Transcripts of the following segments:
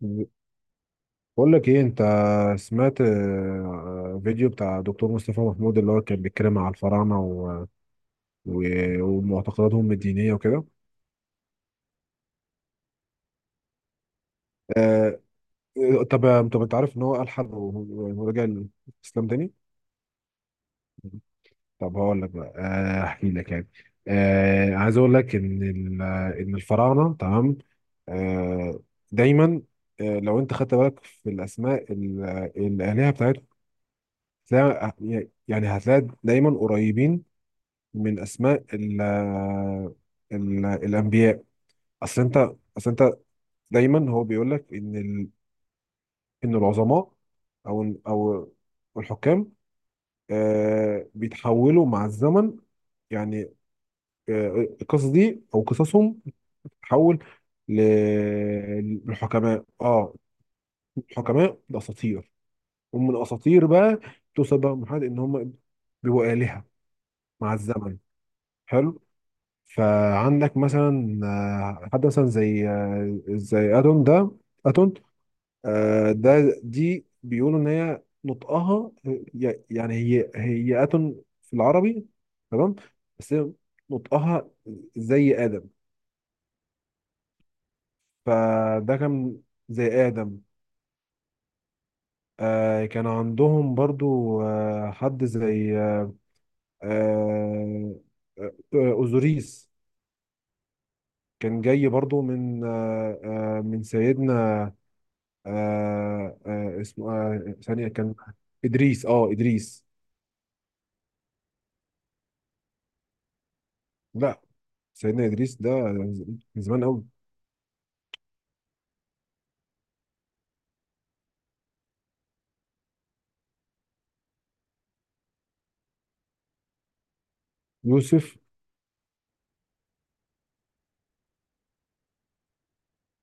بقول لك ايه انت سمعت فيديو بتاع دكتور مصطفى محمود اللي هو كان بيتكلم على الفراعنه و... ومعتقداتهم الدينيه وكده. آه... طب انت عارف ان هو الحد ورجع الاسلام تاني. طب هقول لك بقى، احكي لك يعني. عايز اقول لك ان ان الفراعنه، تمام. آه... دايما، لو انت خدت بالك في الاسماء، الالهه بتاعتهم، يعني هتلاقي دايما قريبين من اسماء ال ال الانبياء. اصل انت اصل انت دايما هو بيقول لك ان العظماء، او الحكام، بيتحولوا مع الزمن. يعني، آه القصص دي او قصصهم بتتحول للحكماء، اه. الحكماء لاساطير، ومن اساطير بقى توصل بقى لمرحله ان هم بيبقوا آلهة مع الزمن. حلو. فعندك مثلا حد مثلا زي زي اتون ده. اتون، دي بيقولوا ان هي نطقها، يعني هي اتون في العربي، تمام. بس هي نطقها زي ادم، فده كان زي ادم. كان عندهم برضو حد زي آه، آه، اوزوريس. كان جاي برضو من، من سيدنا، اسمه، ثانية كان، إدريس. لا، سيدنا إدريس ده من زمان قوي. يوسف.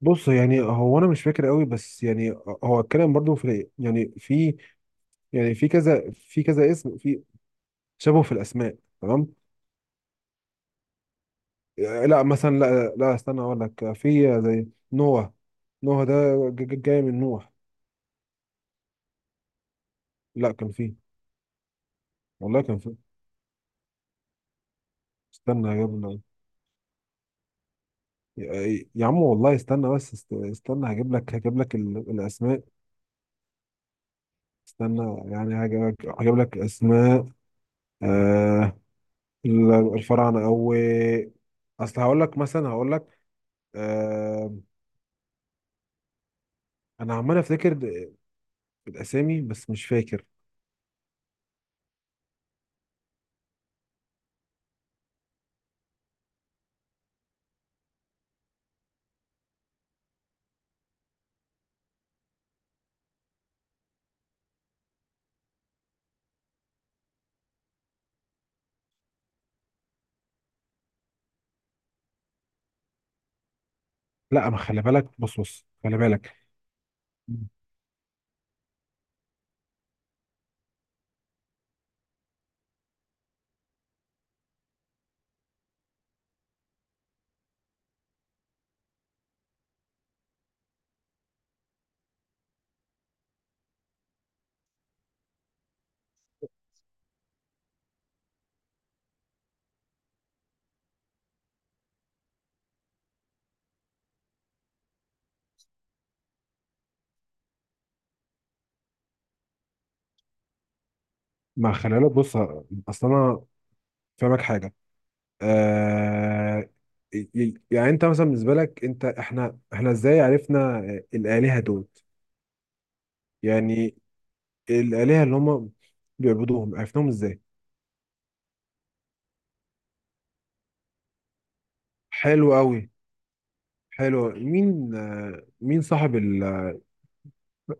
بص يعني هو، أنا مش فاكر قوي، بس يعني هو الكلام برضو في، يعني في، يعني في كذا، في كذا اسم، في شبه في الأسماء. تمام. لا مثلا، لا، لا، استنى أقول لك، في زي نوح. نوح ده جاي من نوح. لا كان فيه، والله كان فيه. استنى يا ابني، يا عم والله، استنى، بس استنى هجيب لك، الأسماء. استنى يعني، هجيب لك اسماء، آه الفراعنه، او، اصل هقول لك مثلا، هقول لك، آه انا عمال افتكر الاسامي، بس مش فاكر. لا، ما خلي بالك، بص خلي بالك، ما خلي بالك، بص. اصل انا فاهمك حاجه. آه يعني انت مثلا، بالنسبه لك انت، احنا ازاي عرفنا الالهه دول؟ يعني الالهه اللي هم بيعبدوهم، عرفناهم ازاي؟ حلو قوي. حلو. مين، مين صاحب، ال...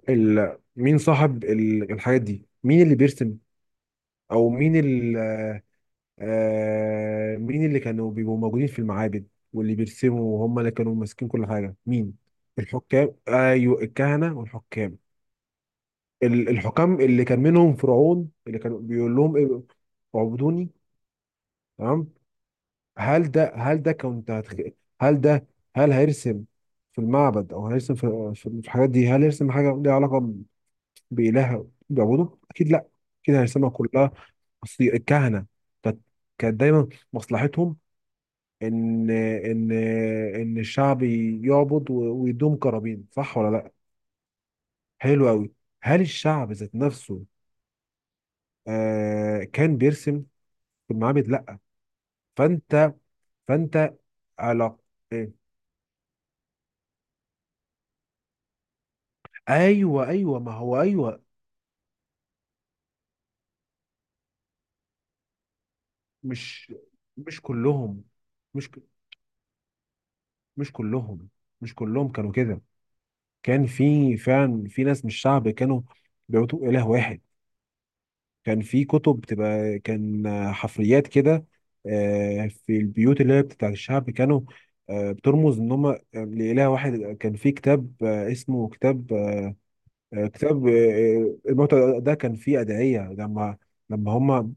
ال... مين صاحب الحاجات دي، مين اللي بيرسم، او مين مين اللي كانوا بيبقوا موجودين في المعابد واللي بيرسموا، وهم اللي كانوا ماسكين كل حاجة؟ مين؟ الحكام، ايوه، الكهنة والحكام. الحكام اللي كان منهم فرعون، اللي كانوا بيقول لهم، إيه، اعبدوني، تمام. هل ده هل ده كنت هتخ... هل ده هل هيرسم في المعبد، او هيرسم في الحاجات دي؟ هل يرسم حاجه ليها علاقه بإلهها بيعبدوا؟ أكيد لأ. كده هيسمع كلها. أصل الكهنة كانت كانت دايما مصلحتهم إن إن إن الشعب يعبد ويدوم كرابين، صح ولا لأ؟ حلو أوي. هل الشعب ذات نفسه كان بيرسم في المعابد؟ لأ. فأنت فأنت على إيه؟ أيوه، أيوه، ما هو أيوه. مش مش كلهم، مش ك- مش كلهم مش كلهم كانوا كده. كان في فعلا في ناس من الشعب كانوا بيعبدوا إله واحد. كان في كتب بتبقى، كان حفريات كده، في البيوت اللي هي بتاعت الشعب كانوا بترمز ان هم لإله واحد. كان في كتاب اسمه كتاب، الموتى ده، كان فيه أدعية، لما هم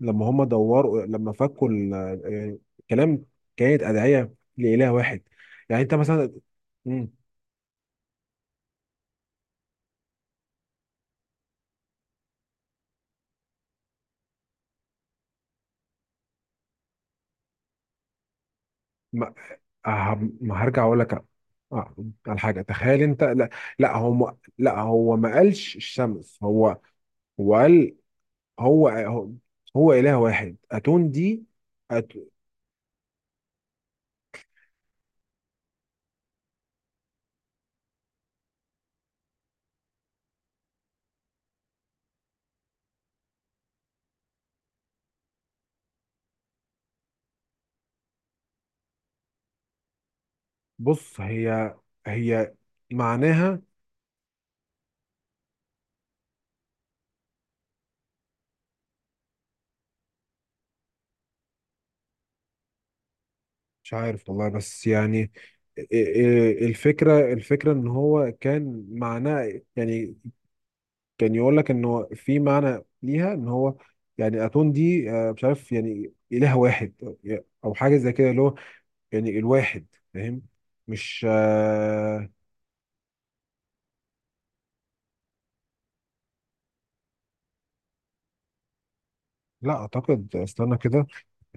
لما هم دوروا، الكلام، كانت أدعية لإله واحد. يعني انت مثلا. مم. ه- ما هرجع اقول لك، آه، على حاجه. تخيل انت. لا، لا هو ما قالش الشمس. هو قال، هو هو هو اله واحد، اتون دي. أت. بص، هي معناها، مش عارف والله، بس يعني، إ- إ- الفكره ان هو كان معناه، يعني كان يقول لك انه في معنى ليها، ان هو يعني اتون دي مش عارف، يعني اله واحد، او أو حاجه زي كده، اللي هو يعني الواحد، فاهم؟ مش. لا اعتقد، استنى كده.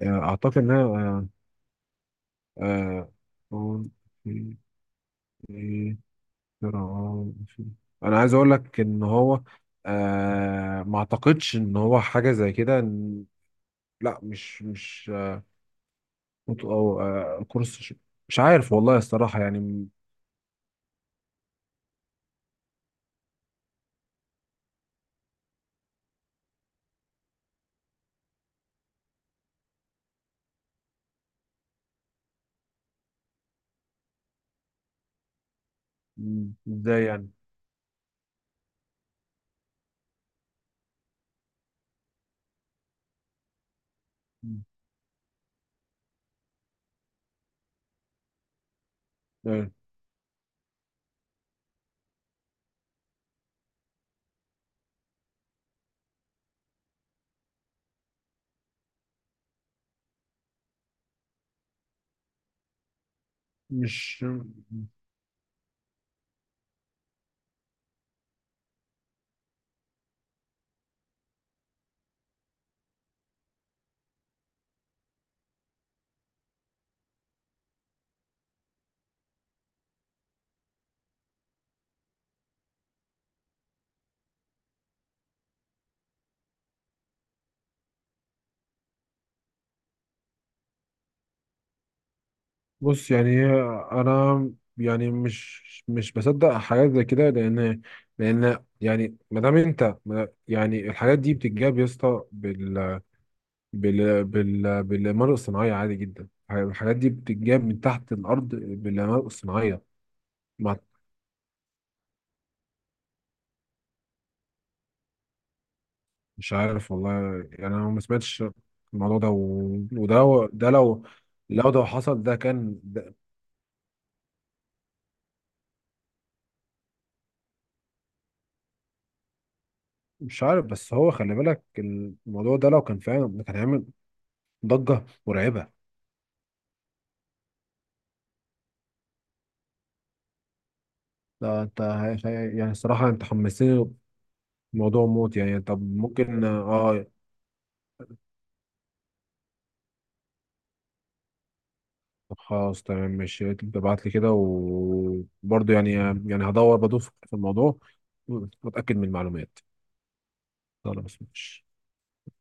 اعتقد ان انا، آه، آه، في- في- في- انا عايز اقول لك ان هو، ما اعتقدش ان هو حاجه زي كده. لا، مش مش او كورس، مش عارف والله الصراحه، يعني، ازاي يعني؟ م- آه، مش. بص يعني انا يعني مش بصدق حاجات زي كده، لان يعني ما دام انت، يعني الحاجات دي بتتجاب، يا اسطى، بال بال بال بالإعمار الصناعية عادي جدا. الحاجات دي بتتجاب من تحت الأرض بالإعمار الصناعية. ما مش عارف والله، يعني أنا ما سمعتش الموضوع ده، وده ده لو ده حصل، ده كان، ده مش عارف، بس هو خلي بالك الموضوع ده، لو كان فعلا كان هيعمل ضجة مرعبة. لا، انت يعني الصراحة انت حمستني، موضوع موت يعني، طب ممكن، اه. طب خلاص، تمام، ماشي، ابعت لي كده، وبرضه يعني، بدور في الموضوع واتأكد من المعلومات. خلاص ماشي.